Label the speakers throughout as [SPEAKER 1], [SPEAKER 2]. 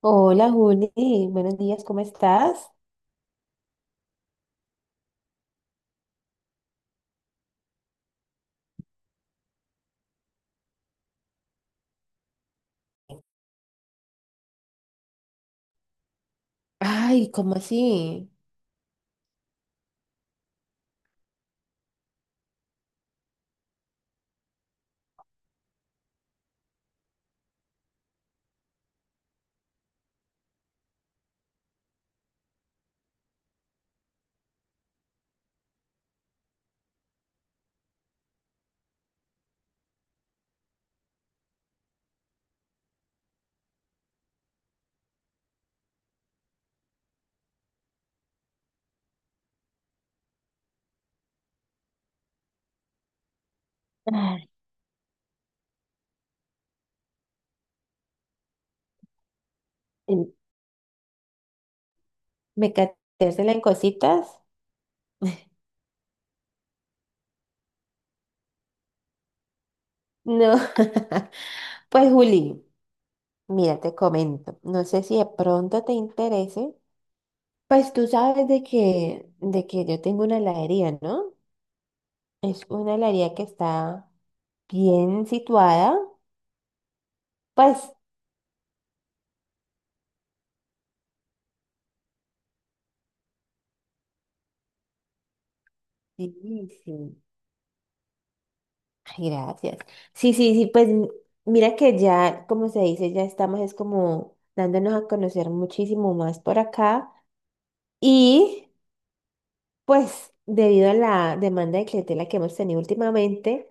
[SPEAKER 1] Hola Juli, buenos días, ¿cómo estás? Ay, ¿cómo así? Ay. ¿Me cateársela en cositas? No, pues Juli, mira, te comento, no sé si de pronto te interese, pues tú sabes de que yo tengo una heladería, ¿no? Es una heladería que está bien situada, pues sí, sí. Ay, gracias. Sí, sí, sí, pues mira que ya, como se dice, ya estamos es como dándonos a conocer muchísimo más por acá y pues debido a la demanda de clientela que hemos tenido últimamente,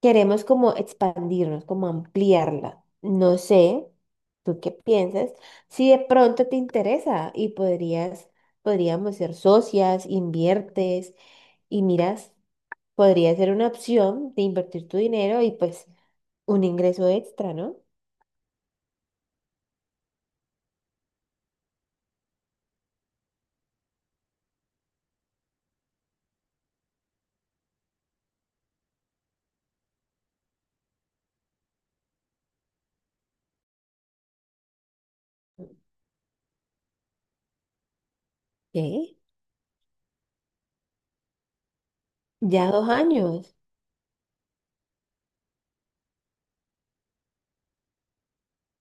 [SPEAKER 1] queremos como expandirnos, como ampliarla. No sé, ¿tú qué piensas? Si de pronto te interesa y podríamos ser socias, inviertes y miras. Podría ser una opción de invertir tu dinero y pues un ingreso extra, ¿no? ¿Qué? Ya 2 años.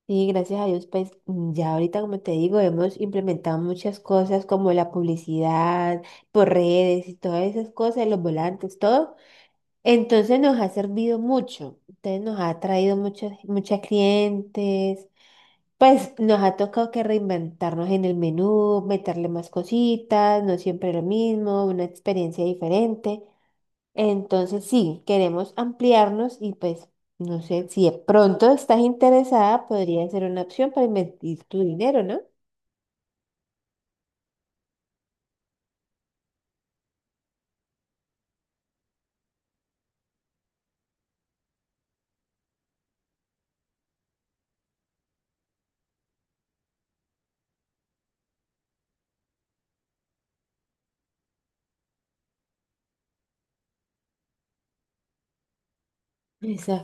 [SPEAKER 1] Sí, gracias a Dios, pues ya ahorita, como te digo, hemos implementado muchas cosas como la publicidad por redes y todas esas cosas, los volantes, todo. Entonces nos ha servido mucho. Entonces nos ha traído muchas clientes. Pues nos ha tocado que reinventarnos en el menú, meterle más cositas, no siempre lo mismo, una experiencia diferente. Entonces, sí, queremos ampliarnos y pues, no sé, si de pronto estás interesada, podría ser una opción para invertir tu dinero, ¿no? Esa,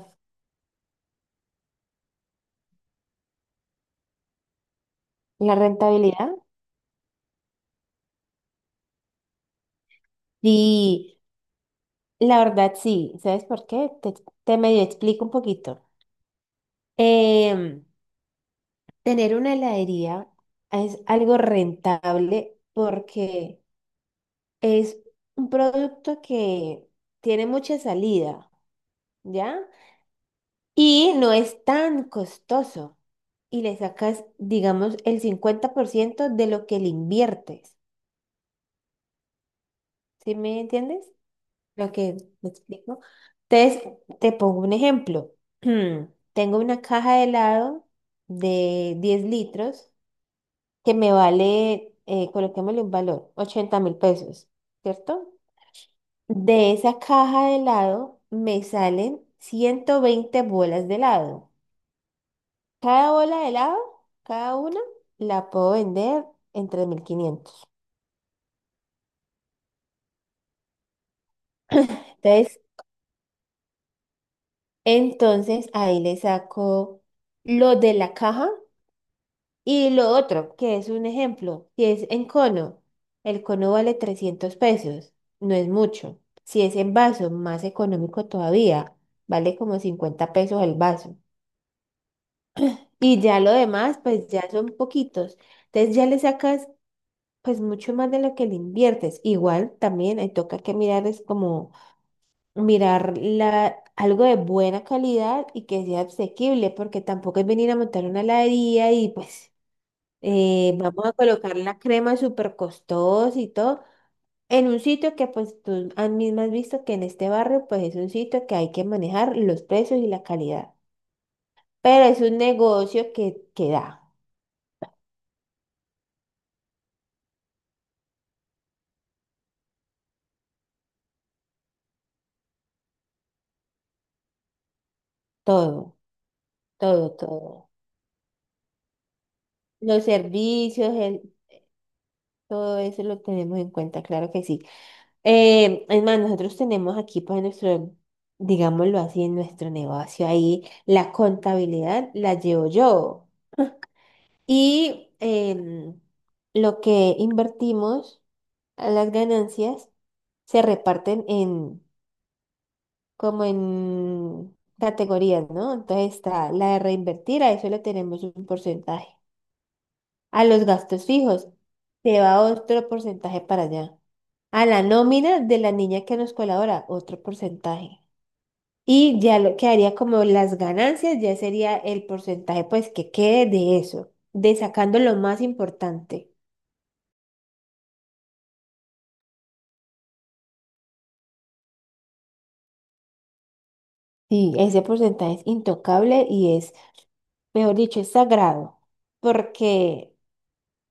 [SPEAKER 1] la rentabilidad. Sí, la verdad sí. ¿Sabes por qué? Te medio explico un poquito. Em, tener una heladería es algo rentable porque es un producto que tiene mucha salida, ¿ya? Y no es tan costoso. Y le sacas, digamos, el 50% de lo que le inviertes. ¿Sí me entiendes? Lo que me explico. Entonces, te pongo un ejemplo. Tengo una caja de helado de 10 litros que me vale, coloquémosle un valor, 80.000 pesos, ¿cierto? De esa caja de helado me salen 120 bolas de helado. Cada bola de helado, cada una, la puedo vender en 3.500. Entonces, entonces ahí le saco lo de la caja y lo otro, que es un ejemplo. Si es en cono, el cono vale 300 pesos, no es mucho. Si es en vaso, más económico todavía, vale como 50 pesos el vaso. Y ya lo demás, pues ya son poquitos. Entonces ya le sacas pues mucho más de lo que le inviertes. Igual también ahí toca que mirar es como mirar la, algo de buena calidad y que sea asequible, porque tampoco es venir a montar una heladería y pues vamos a colocar la crema súper costosa y todo en un sitio que pues tú has mismo has visto que en este barrio pues es un sitio que hay que manejar los precios y la calidad, pero es un negocio que da todo, todo, todo. Los servicios, todo eso lo tenemos en cuenta, claro que sí. Es más, nosotros tenemos aquí, pues, en nuestro, digámoslo así, en nuestro negocio ahí, la contabilidad la llevo yo. Y lo que invertimos, a las ganancias, se reparten en, como en categorías, ¿no? Entonces está la de reinvertir, a eso le tenemos un porcentaje. A los gastos fijos, se va otro porcentaje para allá. A la nómina de la niña que nos colabora, otro porcentaje. Y ya lo que haría como las ganancias, ya sería el porcentaje pues que quede de eso, de sacando lo más importante. Sí, ese porcentaje es intocable y es, mejor dicho, es sagrado, porque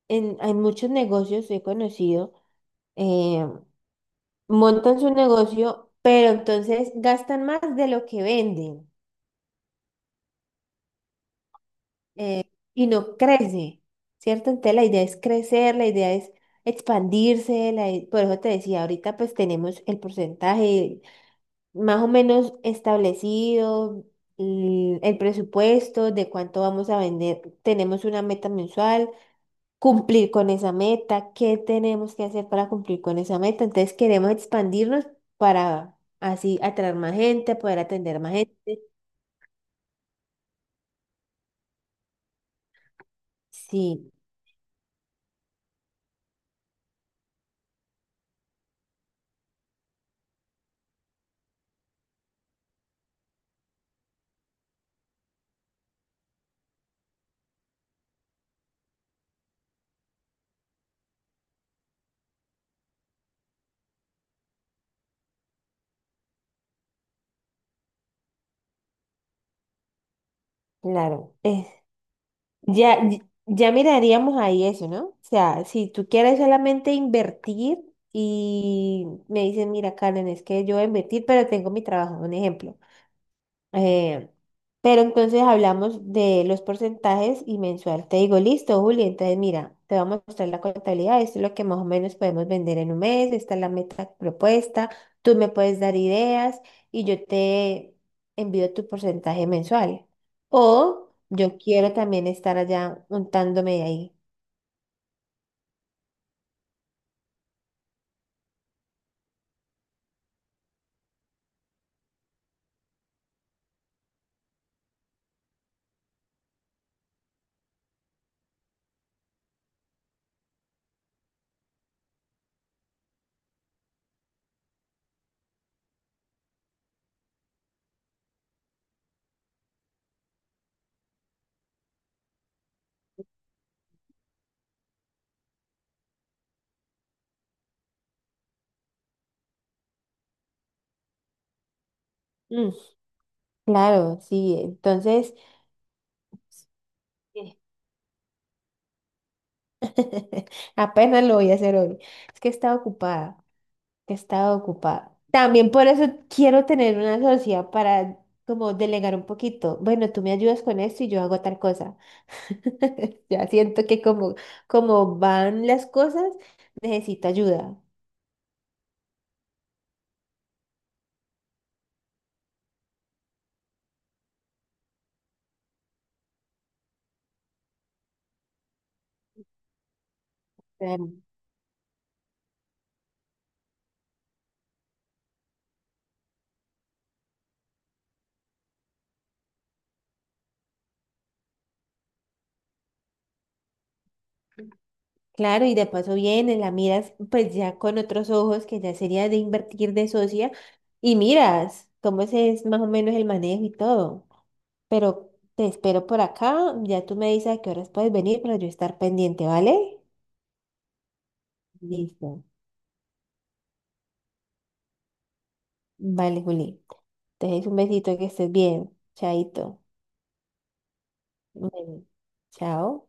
[SPEAKER 1] en, hay muchos negocios, he conocido, eh, montan su negocio, pero entonces gastan más de lo que venden. Y no crece, ¿cierto? Entonces la idea es crecer, la idea es expandirse, por eso te decía, ahorita pues tenemos el porcentaje más o menos establecido, el presupuesto de cuánto vamos a vender, tenemos una meta mensual, cumplir con esa meta, qué tenemos que hacer para cumplir con esa meta, entonces queremos expandirnos para así atraer más gente, poder atender más gente. Sí, claro. Es ya, ya miraríamos ahí eso, ¿no? O sea, si tú quieres solamente invertir y me dices, mira, Karen, es que yo voy a invertir, pero tengo mi trabajo, un ejemplo. Eh, pero entonces hablamos de los porcentajes y mensual. Te digo, listo, Juli, entonces mira, te voy a mostrar la contabilidad, esto es lo que más o menos podemos vender en un mes, esta es la meta propuesta, tú me puedes dar ideas y yo te envío tu porcentaje mensual. O yo quiero también estar allá untándome ahí. Mm, claro, sí, entonces apenas lo voy a hacer hoy. Es que estaba ocupada. Que estaba ocupada. También por eso quiero tener una sociedad para como delegar un poquito. Bueno, tú me ayudas con esto y yo hago tal cosa. Ya siento que como, como van las cosas, necesito ayuda. Claro. Claro, y de paso viene, la miras pues ya con otros ojos, que ya sería de invertir de socia, y miras cómo ese es más o menos el manejo y todo. Pero te espero por acá, ya tú me dices a qué horas puedes venir para yo estar pendiente, ¿vale? Listo. Listo. Vale, Juli. Te dejo un besito, que estés bien. Chaito. Bueno, chao.